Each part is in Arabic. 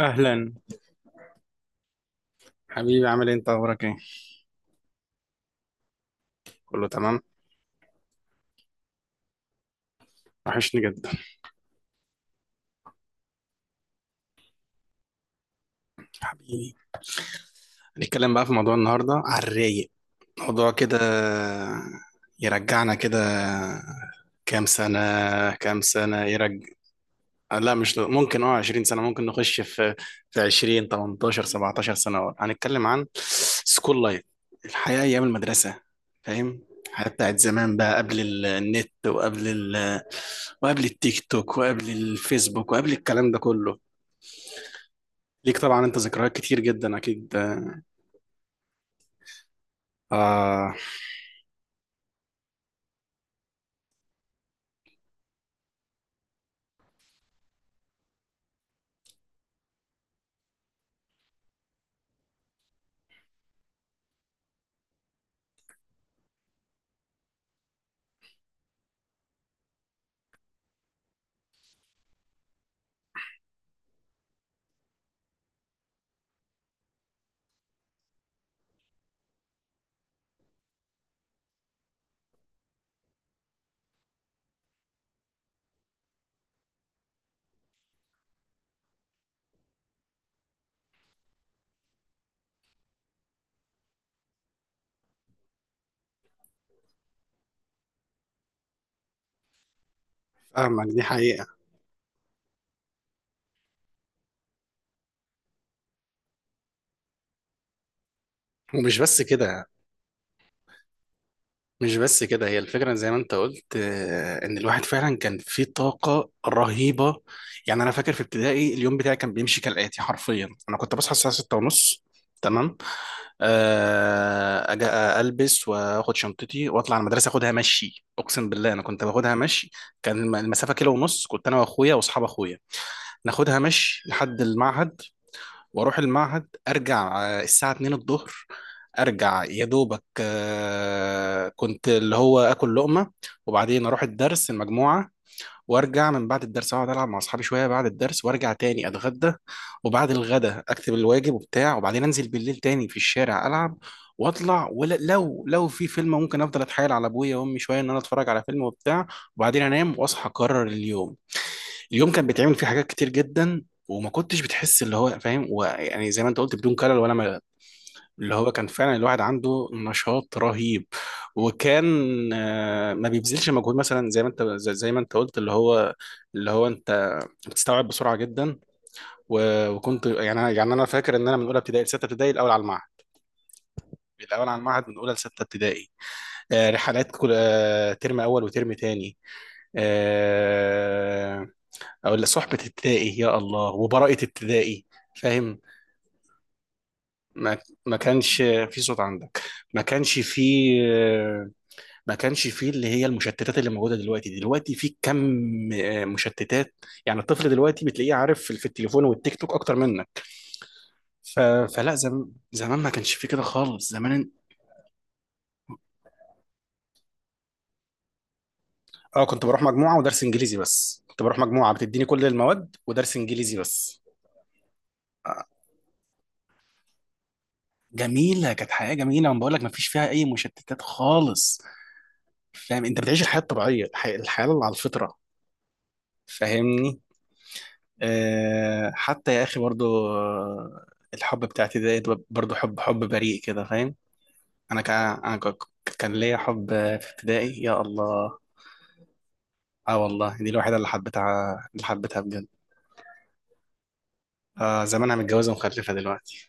اهلا، حبيبي. عامل ايه؟ انت اخبارك ايه؟ كله تمام. وحشني جدا، حبيبي. هنتكلم بقى في موضوع النهارده على الرايق، موضوع كده يرجعنا كده. كام سنة؟ كام سنة يرجع؟ لا، مش ممكن، 20 سنة، ممكن نخش في 20، 18، 17 سنة ورا. هنتكلم عن سكول لايف، الحياة أيام المدرسة، فاهم؟ الحياة بتاعت زمان بقى قبل النت، وقبل وقبل التيك توك، وقبل الفيسبوك، وقبل الكلام ده كله. ليك طبعا انت ذكريات كتير جدا اكيد. اه. فاهمك، دي حقيقة. ومش بس كده، مش بس كده، هي الفكرة زي ما انت قلت، ان الواحد فعلا كان فيه طاقة رهيبة. يعني انا فاكر في ابتدائي اليوم بتاعي كان بيمشي كالآتي حرفيا، انا كنت بصحى الساعة 6 ونص، تمام، اجي البس واخد شنطتي واطلع على المدرسة، اخدها مشي، اقسم بالله انا كنت باخدها مشي. كان المسافة كيلو ونص، كنت انا واخويا واصحاب اخويا ناخدها مشي لحد المعهد، واروح المعهد ارجع الساعه 2 الظهر. ارجع يا دوبك، كنت اللي هو اكل لقمه، وبعدين اروح الدرس المجموعه، وارجع من بعد الدرس اقعد العب مع اصحابي شويه بعد الدرس، وارجع تاني اتغدى، وبعد الغدا اكتب الواجب وبتاع، وبعدين انزل بالليل تاني في الشارع العب واطلع، ولو لو لو في فيلم ممكن افضل اتحايل على ابويا وامي شويه ان انا اتفرج على فيلم وبتاع، وبعدين انام واصحى اكرر اليوم. اليوم كان بيتعمل فيه حاجات كتير جدا وما كنتش بتحس، اللي هو فاهم، ويعني زي ما انت قلت بدون كلل ولا ملل، اللي هو كان فعلا الواحد عنده نشاط رهيب. وكان ما بيبذلش مجهود، مثلا زي ما انت زي زي ما انت قلت، اللي هو انت بتستوعب بسرعه جدا. وكنت يعني يعني انا فاكر ان انا من اولى ابتدائي لسته ابتدائي الاول على المعهد، الاول على المعهد من اولى لسته ابتدائي. رحلات كل ترم اول وترم تاني. آه، او اللي صحبة ابتدائي، يا الله، وبراءة ابتدائي، فاهم؟ ما ما كانش في صوت عندك، ما كانش في، ما كانش في اللي هي المشتتات اللي موجودة دلوقتي. دلوقتي في كم مشتتات، يعني الطفل دلوقتي بتلاقيه عارف في التليفون والتيك توك اكتر منك. ف... زمان ما كانش في كده خالص زمان. اه كنت بروح مجموعة ودرس انجليزي، بس كنت بروح مجموعة بتديني كل المواد ودرس انجليزي بس. آه، جميلة، كانت حياة جميلة، وانا بقول لك ما فيش فيها اي مشتتات خالص. فاهم؟ انت بتعيش الحياه الطبيعيه، الحياة اللي على الفطره. فاهمني؟ آه حتى يا اخي برضو، الحب بتاعتي ده برضو حب، حب بريء كده، فاهم؟ انا كان انا كا- كان ليا حب في ابتدائي، يا الله. اه والله دي الوحيده اللي حبيتها، اللي حبيتها بجد. آه زمانها متجوزه ومخلفه دلوقتي.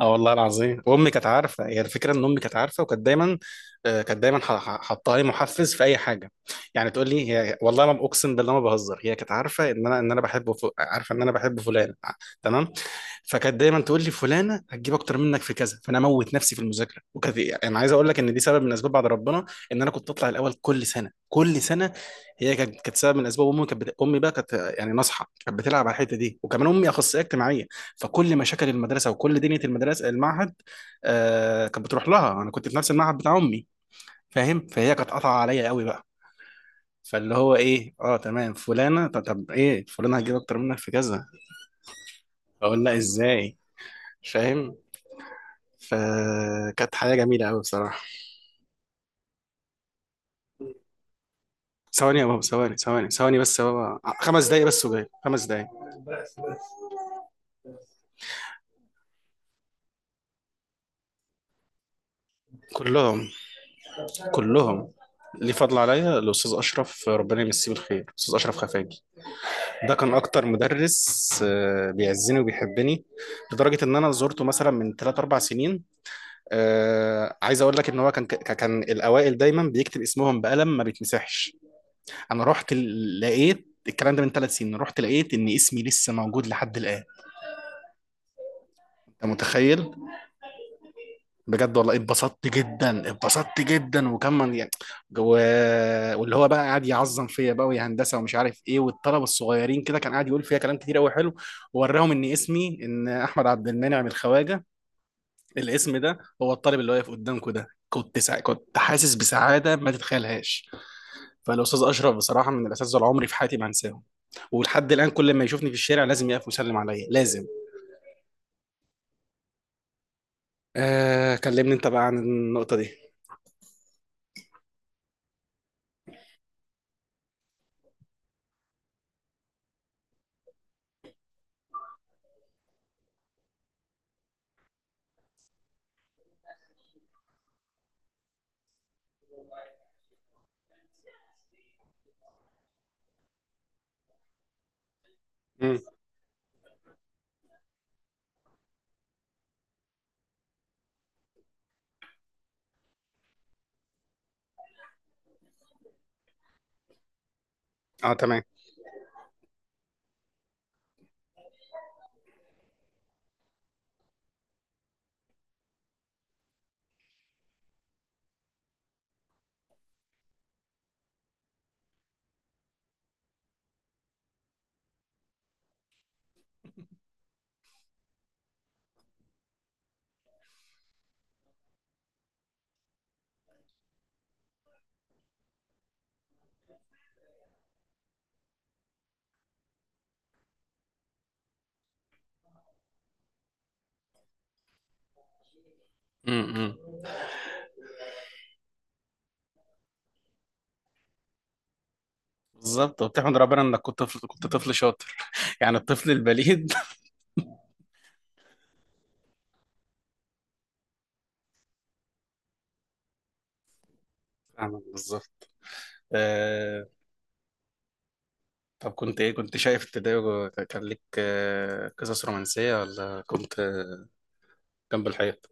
اه والله العظيم، وامي كانت عارفه. هي الفكره ان امي كانت عارفه وكانت دايما، كانت دايما حاطه لي محفز في اي حاجه. يعني تقول لي هي، والله ما اقسم بالله ما بهزر، هي كانت عارفه ان انا بحب، عارفه ان انا بحب فلان. تمام. فكانت دايما تقول لي فلانه هتجيب اكتر منك في كذا، فانا اموت نفسي في المذاكره. وكانت، يعني انا عايز اقول لك ان دي سبب من اسباب، بعد ربنا، ان انا كنت اطلع الاول كل سنه، كل سنه. هي كانت، كانت سبب من اسباب. امي امي بقى كانت، يعني ناصحه، كانت بتلعب على الحته دي. وكمان امي اخصائيه اجتماعيه، فكل مشاكل المدرسه وكل دنيا المدرسه المعهد آه كانت بتروح لها. انا كنت في نفس المعهد بتاع امي، فاهم؟ فهي كانت قاطعه عليا قوي بقى. فاللي هو ايه، اه تمام، فلانه طب ايه، فلانه هتجيب اكتر منك في كذا، اقول لا، ازاي؟ فاهم؟ فكانت حياه جميله قوي بصراحه. ثواني يا بابا، ثواني ثواني ثواني بس يا بابا، خمس دقايق بس وجاي، خمس دقايق. كلهم، كلهم ليه فضل عليا. الاستاذ اشرف، ربنا يمسيه بالخير، الاستاذ اشرف خفاجي، ده كان اكتر مدرس بيعزني وبيحبني، لدرجه ان انا زورته مثلا من 3 4 سنين. عايز اقول لك ان هو كان الاوائل دايما بيكتب اسمهم بقلم ما بيتمسحش. انا رحت لقيت الكلام ده من ثلاث سنين، رحت لقيت ان اسمي لسه موجود لحد الان. انت متخيل؟ بجد والله اتبسطت جدا، اتبسطت جدا. وكمان يعني، و... واللي هو بقى قاعد يعظم فيا بقى، ويا هندسه ومش عارف ايه، والطلبه الصغيرين كده، كان قاعد يقول فيها كلام كتير قوي حلو، ووراهم ان اسمي ان احمد عبد المنعم من الخواجه، الاسم ده هو الطالب اللي واقف قدامكم ده. كنت حاسس بسعاده ما تتخيلهاش. فالاستاذ اشرف بصراحه من الاساتذه اللي عمري في حياتي ما هنساهم. ولحد الان كل ما يشوفني في الشارع لازم يقف ويسلم عليا، لازم. كلمني انت بقى عن النقطه دي. مم. اه تمام. مم. مم. بالظبط، وبتحمد ربنا انك كنت طفل، كنت طفل شاطر، يعني الطفل البليد. فاهمك بالظبط. آه... طب كنت ايه، كنت شايف ابتدائي، كان لك قصص رومانسية، ولا كنت جنب الحيط؟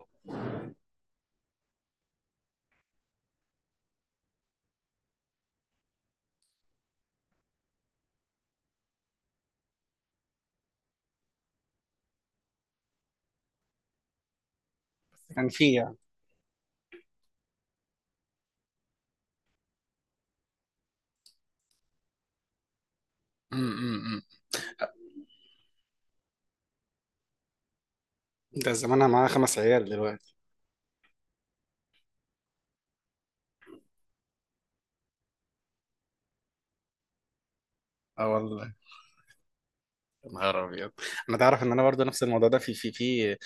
كان في يعني، امم، ده زمانها معاها خمس عيال دلوقتي. اه والله. يا نهار ابيض. انا تعرف ان انا برضو نفس الموضوع ده في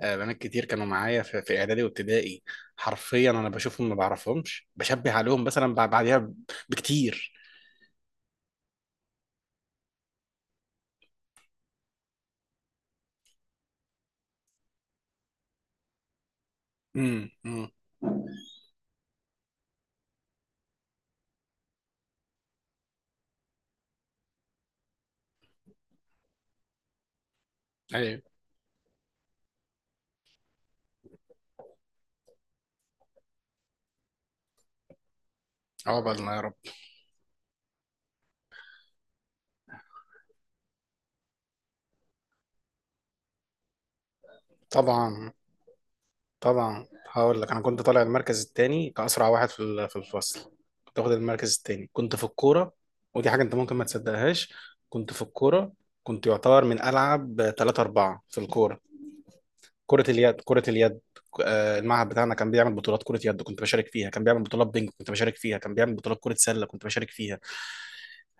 بنات كتير كانوا معايا في اعدادي وابتدائي، حرفيا انا بشوفهم ما بعرفهمش، بشبه عليهم مثلا بعديها بكتير. امم، امم. عقبالنا يا رب. طبعا، طبعا. هقول لك انا كنت طالع المركز الثاني كاسرع واحد في في الفصل، كنت واخد المركز الثاني. كنت في الكوره، ودي حاجه انت ممكن ما تصدقهاش، كنت في الكوره، كنت يعتبر من العب 3 4 في الكوره. كره اليد، كره اليد، المعهد بتاعنا كان بيعمل بطولات كره يد كنت بشارك فيها، كان بيعمل بطولات بينج كنت بشارك فيها، كان بيعمل بطولات كره سله كنت بشارك فيها.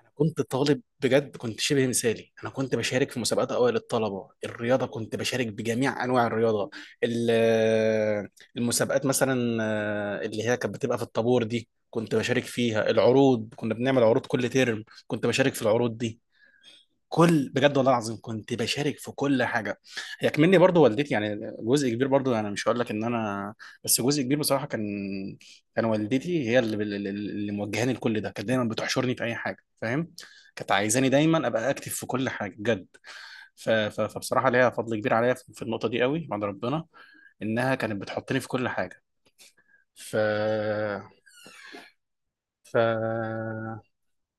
انا كنت طالب بجد، كنت شبه مثالي. انا كنت بشارك في مسابقات اوائل الطلبه الرياضه، كنت بشارك بجميع انواع الرياضه. ال- المسابقات مثلا اللي هي كانت بتبقى في الطابور دي كنت بشارك فيها. العروض، كنا بنعمل عروض كل ترم كنت بشارك في العروض دي. كل، بجد والله العظيم كنت بشارك في كل حاجه. هي كمني برضو والدتي، يعني جزء كبير، برضو انا مش هقول لك ان انا، بس جزء كبير بصراحه كان، كان والدتي هي اللي موجهاني لكل ده. كانت دايما بتحشرني في اي حاجه، فاهم؟ كانت عايزاني دايما ابقى اكتف في كل حاجه بجد. فبصراحه ليها فضل كبير عليا في النقطه دي قوي، بعد ربنا، انها كانت بتحطني في كل حاجه. ف. ف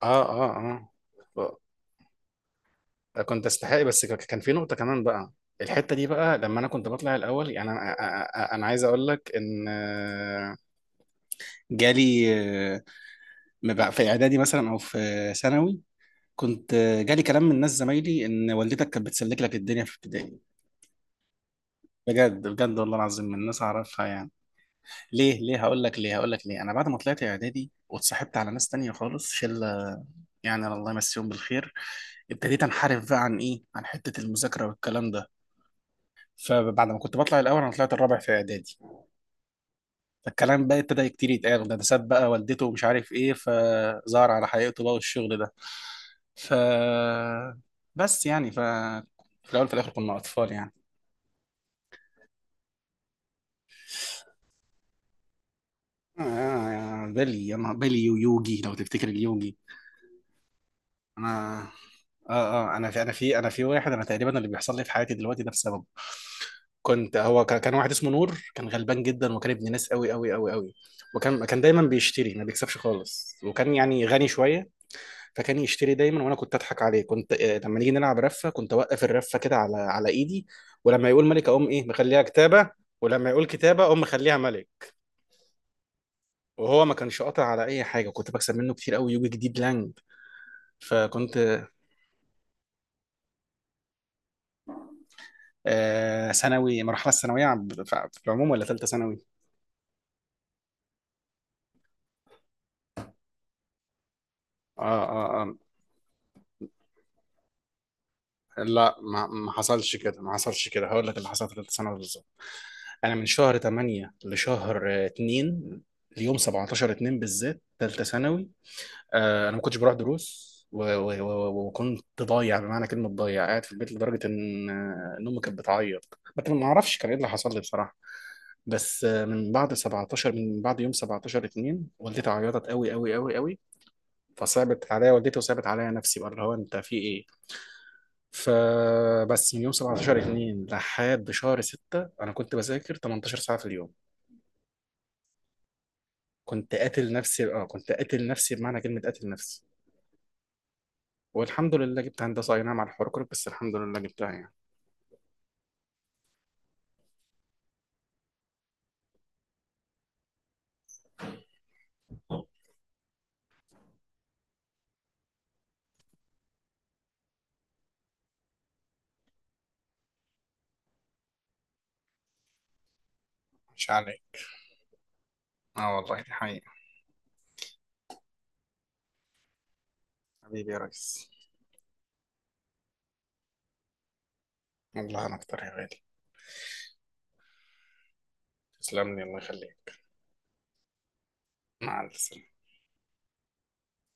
اه. اه اه. كنت استحقي، بس كان في نقطة كمان بقى، الحتة دي بقى لما أنا كنت بطلع الأول. يعني أنا عايز أقول لك إن، جالي في إعدادي مثلا أو في ثانوي، كنت جالي كلام من ناس زمايلي إن والدتك كانت بتسلك لك الدنيا في ابتدائي. بجد بجد والله العظيم، من ناس أعرفها يعني. ليه، هقول لك ليه، أنا بعد ما طلعت إعدادي واتصاحبت على ناس تانية خالص، شلة يعني الله يمسيهم بالخير، ابتديت أنحرف بقى عن إيه، عن حتة المذاكرة والكلام ده. فبعد ما كنت بطلع الاول، انا طلعت الرابع في اعدادي. فالكلام بقى ابتدى كتير يتقال، ده ساب بقى والدته ومش عارف ايه، فظهر على حقيقته بقى والشغل ده. ف، بس يعني ف، في الاول في الاخر كنا اطفال يعني. آه يا بيلي، بيلي ويوجي، لو تفتكر اليوجي. انا اه. اه انا في واحد، انا تقريبا اللي بيحصل لي في حياتي دلوقتي ده بسببه. كنت، هو كان كان واحد اسمه نور، كان غلبان جدا، وكان ابن ناس قوي قوي قوي قوي. وكان دايما بيشتري، ما بيكسبش خالص، وكان يعني غني شويه، فكان يشتري دايما. وانا كنت اضحك عليه، كنت لما نيجي نلعب رفه، كنت اوقف الرفه كده على ايدي، ولما يقول ملك اقوم ايه مخليها كتابه، ولما يقول كتابه اقوم مخليها ملك. وهو ما كانش قاطع على اي حاجه، كنت بكسب منه كتير قوي، يوجي جديد لانج. فكنت. آه، ثانوي، مرحله الثانويه في العموم، ولا ثالثه ثانوي؟ اه اه اه، لا، ما حصلش كده، ما حصلش كده، هقول لك اللي حصل في ثالثه ثانوي بالظبط. انا من شهر 8 لشهر 2، ليوم 17 2 بالذات ثالثه ثانوي. انا ما كنتش بروح دروس، وكنت ضايع، يعني بمعنى كلمه ضايع، قاعد في البيت، لدرجه ان امي كانت بتعيط، بس ما اعرفش كان ايه اللي حصل لي بصراحه. بس، من بعد يوم 17 2 والدتي عيطت قوي قوي قوي قوي. فصعبت عليا والدتي وصعبت عليا نفسي بقى، اللي هو انت في ايه. فبس من يوم 17 2 لحد شهر 6 انا كنت بذاكر 18 ساعه في اليوم، كنت قاتل نفسي، اه كنت قاتل نفسي بمعنى كلمه قاتل نفسي. والحمد لله جبت هندسه، اي نعم على الحركرك، بس الحمد لله جبتها يعني. مش علي. اه والله دي حقيقة. حبيبي يا ريس. والله انا اكتر يا غالي. تسلم لي، الله يخليك. مع السلامة.